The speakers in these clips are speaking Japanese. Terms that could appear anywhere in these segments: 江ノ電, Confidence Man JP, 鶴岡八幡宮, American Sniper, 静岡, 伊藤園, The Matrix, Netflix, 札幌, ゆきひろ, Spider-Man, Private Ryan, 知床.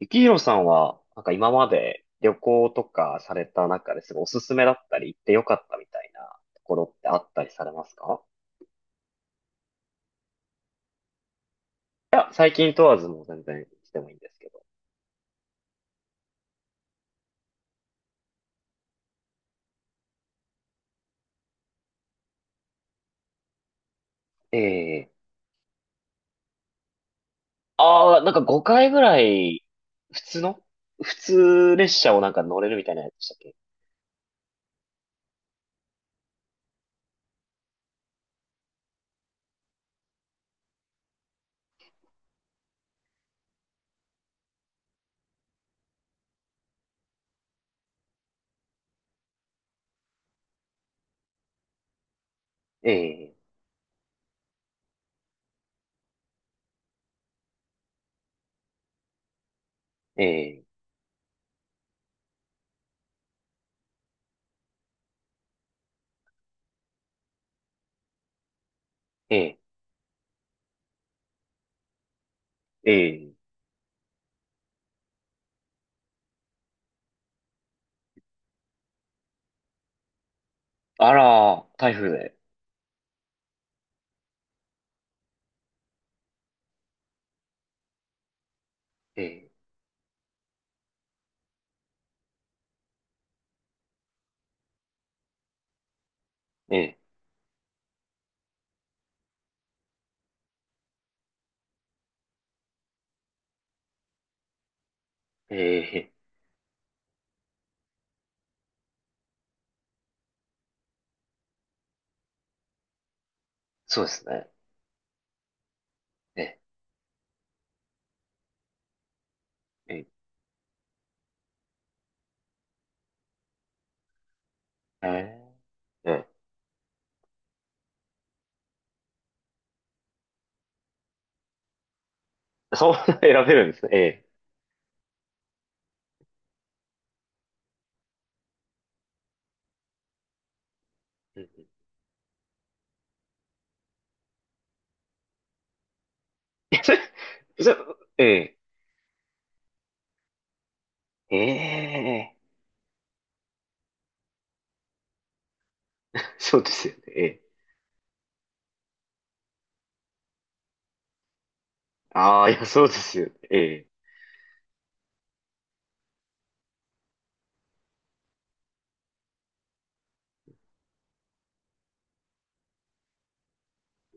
ゆきひろさんは、なんか今まで旅行とかされた中ですごいおすすめだったり行ってよかったみたいなところってあったりされますか？いや、最近問わずもう全然してもいいんですけど。ええ。ああー、なんか5回ぐらい、普通の普通列車をなんか乗れるみたいなやつでしたっけ？ええ、ええ、ええ、ええ。あらー、台風で。ええ、ええ、ええ。そうですね。ええ、ええ、ええ。そんな 選べるんですね。ええ。じゃ、ええ、ええ、そうですよね。ええ。ああ、いや、そうですよね。ええ、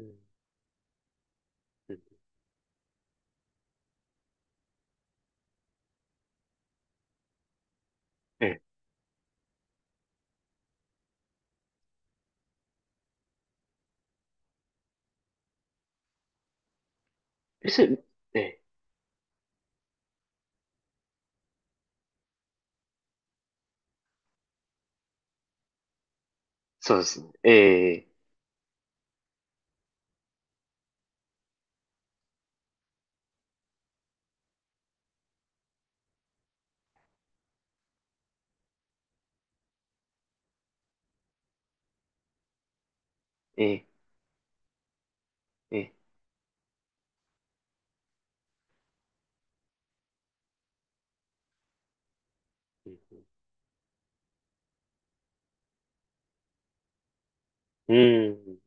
うんうん、ええ、え、それ、ええ、そうですね。ええ、ええ、ええ、うん。うん。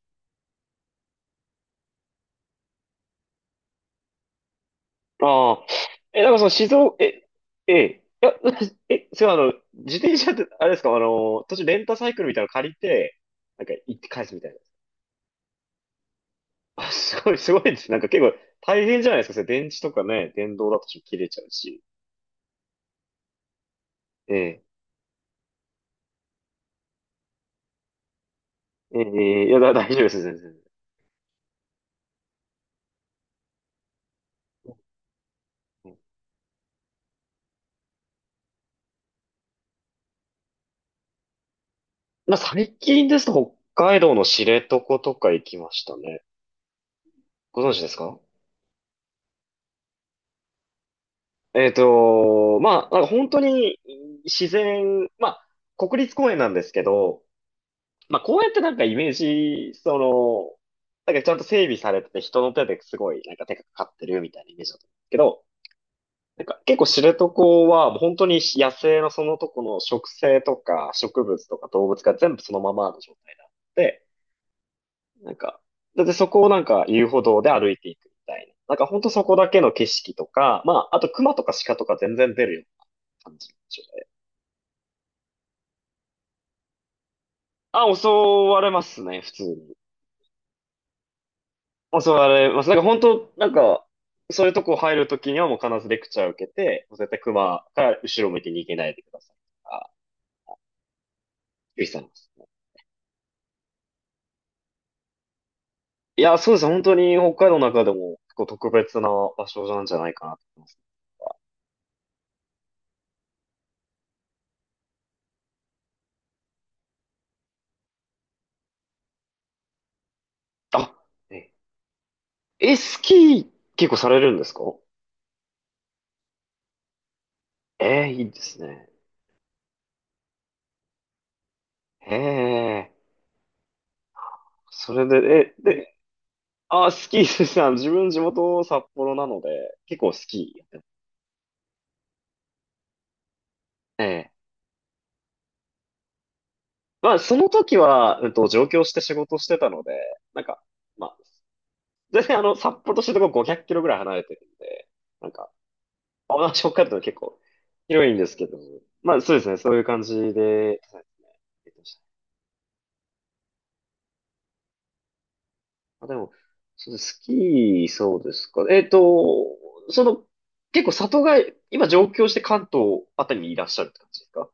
ああ、え、なんかその静岡、え、ええ、いや、え、そう、自転車って、あれですか、途中レンタサイクルみたいなの借りて、なんか行って返すみたいな。あ、すごい、すごいです。なんか結構大変じゃないですか。それ電池とかね、電動だと切れちゃうし。ええ、ええ、いや、大丈夫です。全然。うん。まあ、最近ですと北海道の知床とか行きましたね。ご存知ですか？まあ、なんか本当に自然、まあ、国立公園なんですけど、まあ、公園ってなんかイメージ、その、なんかちゃんと整備されてて人の手ですごいなんか手がかかってるみたいなイメージだったんですけど、なんか結構知床はもう本当に野生のそのとこの植生とか植物とか動物が全部そのままの状態だって、なんか、だってそこをなんか遊歩道で歩いていくみたいな。なんかほんとそこだけの景色とか、まあ、あと熊とか鹿とか全然出るような感じでしょうね。あ、襲われますね、普通に。襲われます。なんか本当なんか、そういうとこ入るときにはもう必ずレクチャー受けて、もう絶対熊から後ろ向いて逃げないでくださいとか、言ってたんですね。いや、そうですね、本当に北海道の中でも結構特別な場所なんじゃないかなと思います。あ、え、えスキー結構されるんですか？いいですね。へえ。それで、え、で、あ、スキーですね、自分地元札幌なので、結構スキーやってます。ええ。まあ、その時は、上京して仕事してたので、なんか、まあ、全然札幌としてとこ500キロぐらい離れてるんで、なんか、同じ北海道結構広いんですけど、まあ、そうですね、そういう感じで、あ、でも、そうですスキー、そうですか。その、結構里帰り、今上京して関東あたりにいらっしゃるって感じですか？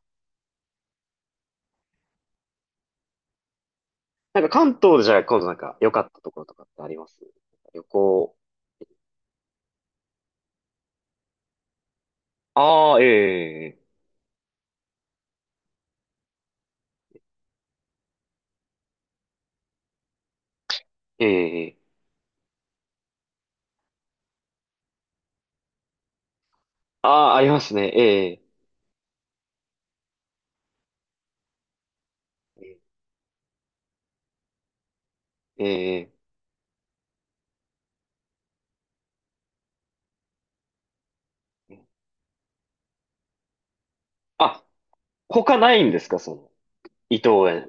なんか関東でじゃあ今度なんか良かったところとかってあります？旅行。ああ、ええ、ええ、ええ。ああー、ありますね。ええ、ええ、ええ。あ、他ないんですかその、伊藤園。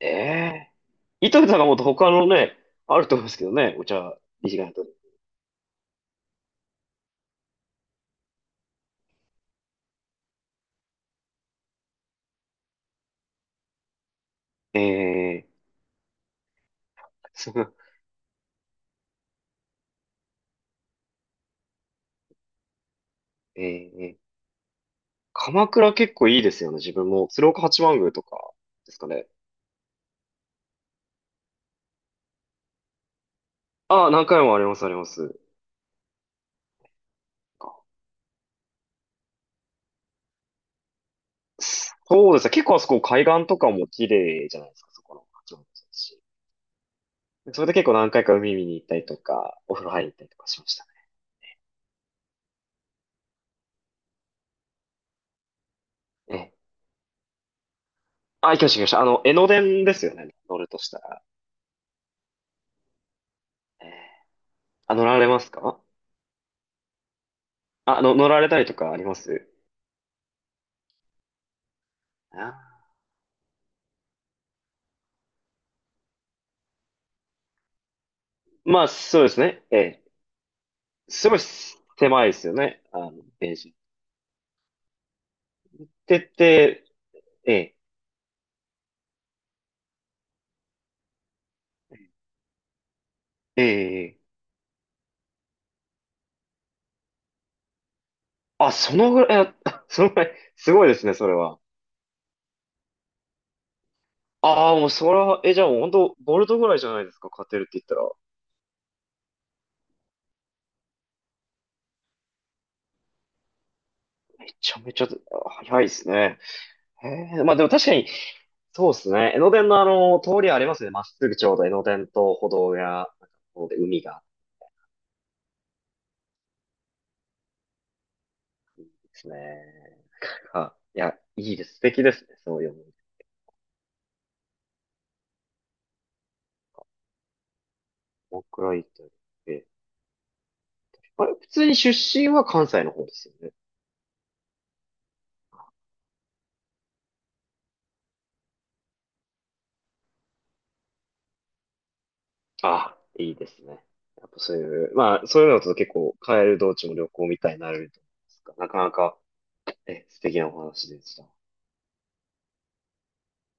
ええ。伊藤園さんがもっと他のね、あると思うんですけどね。お茶、短いと。ええ、そう、えええ。鎌倉結構いいですよね。自分も。鶴岡八幡宮とかですかね。ああ、何回もあります、あります。か、そうですね。結構あそこ海岸とかも綺麗じゃないですか、そこの八幡宮ですし。それで結構何回か海見に行ったりとか、お風呂入りに行ったりとかしましたね。ええ。あ、行きました、行きました。あの、江ノ電ですよね。乗るとしたら。ええ。あ、乗られますか？あ、の、乗られたりとかあります？あ、まあ、そうですね。ええ、すごい狭いですよね。あの、ページ。ってて、ええ、ええ、ええ。あ、そのぐらい、あ そのぐらい、すごいですね、それは。ああ、もうそれは、え、じゃあもう本当ボルトぐらいじゃないですか、勝てるって言ったら。めちゃめちゃ、あ早いですね。へえ、まあでも確かに、そうですね。江ノ電の通りありますね。まっすぐちょうど江ノ電と歩道や、なんかこうで海が、ですね。あ、いや、いいです。素敵ですね、そういう思い。僕ら行ったり。え、あれ、普通に出身は関西の方ですよね。あ、いいですね。やっぱそういう、まあ、そういうのだと結構、帰る道中も旅行みたいになれると思うんですが、なかなか、え、素敵なお話でした。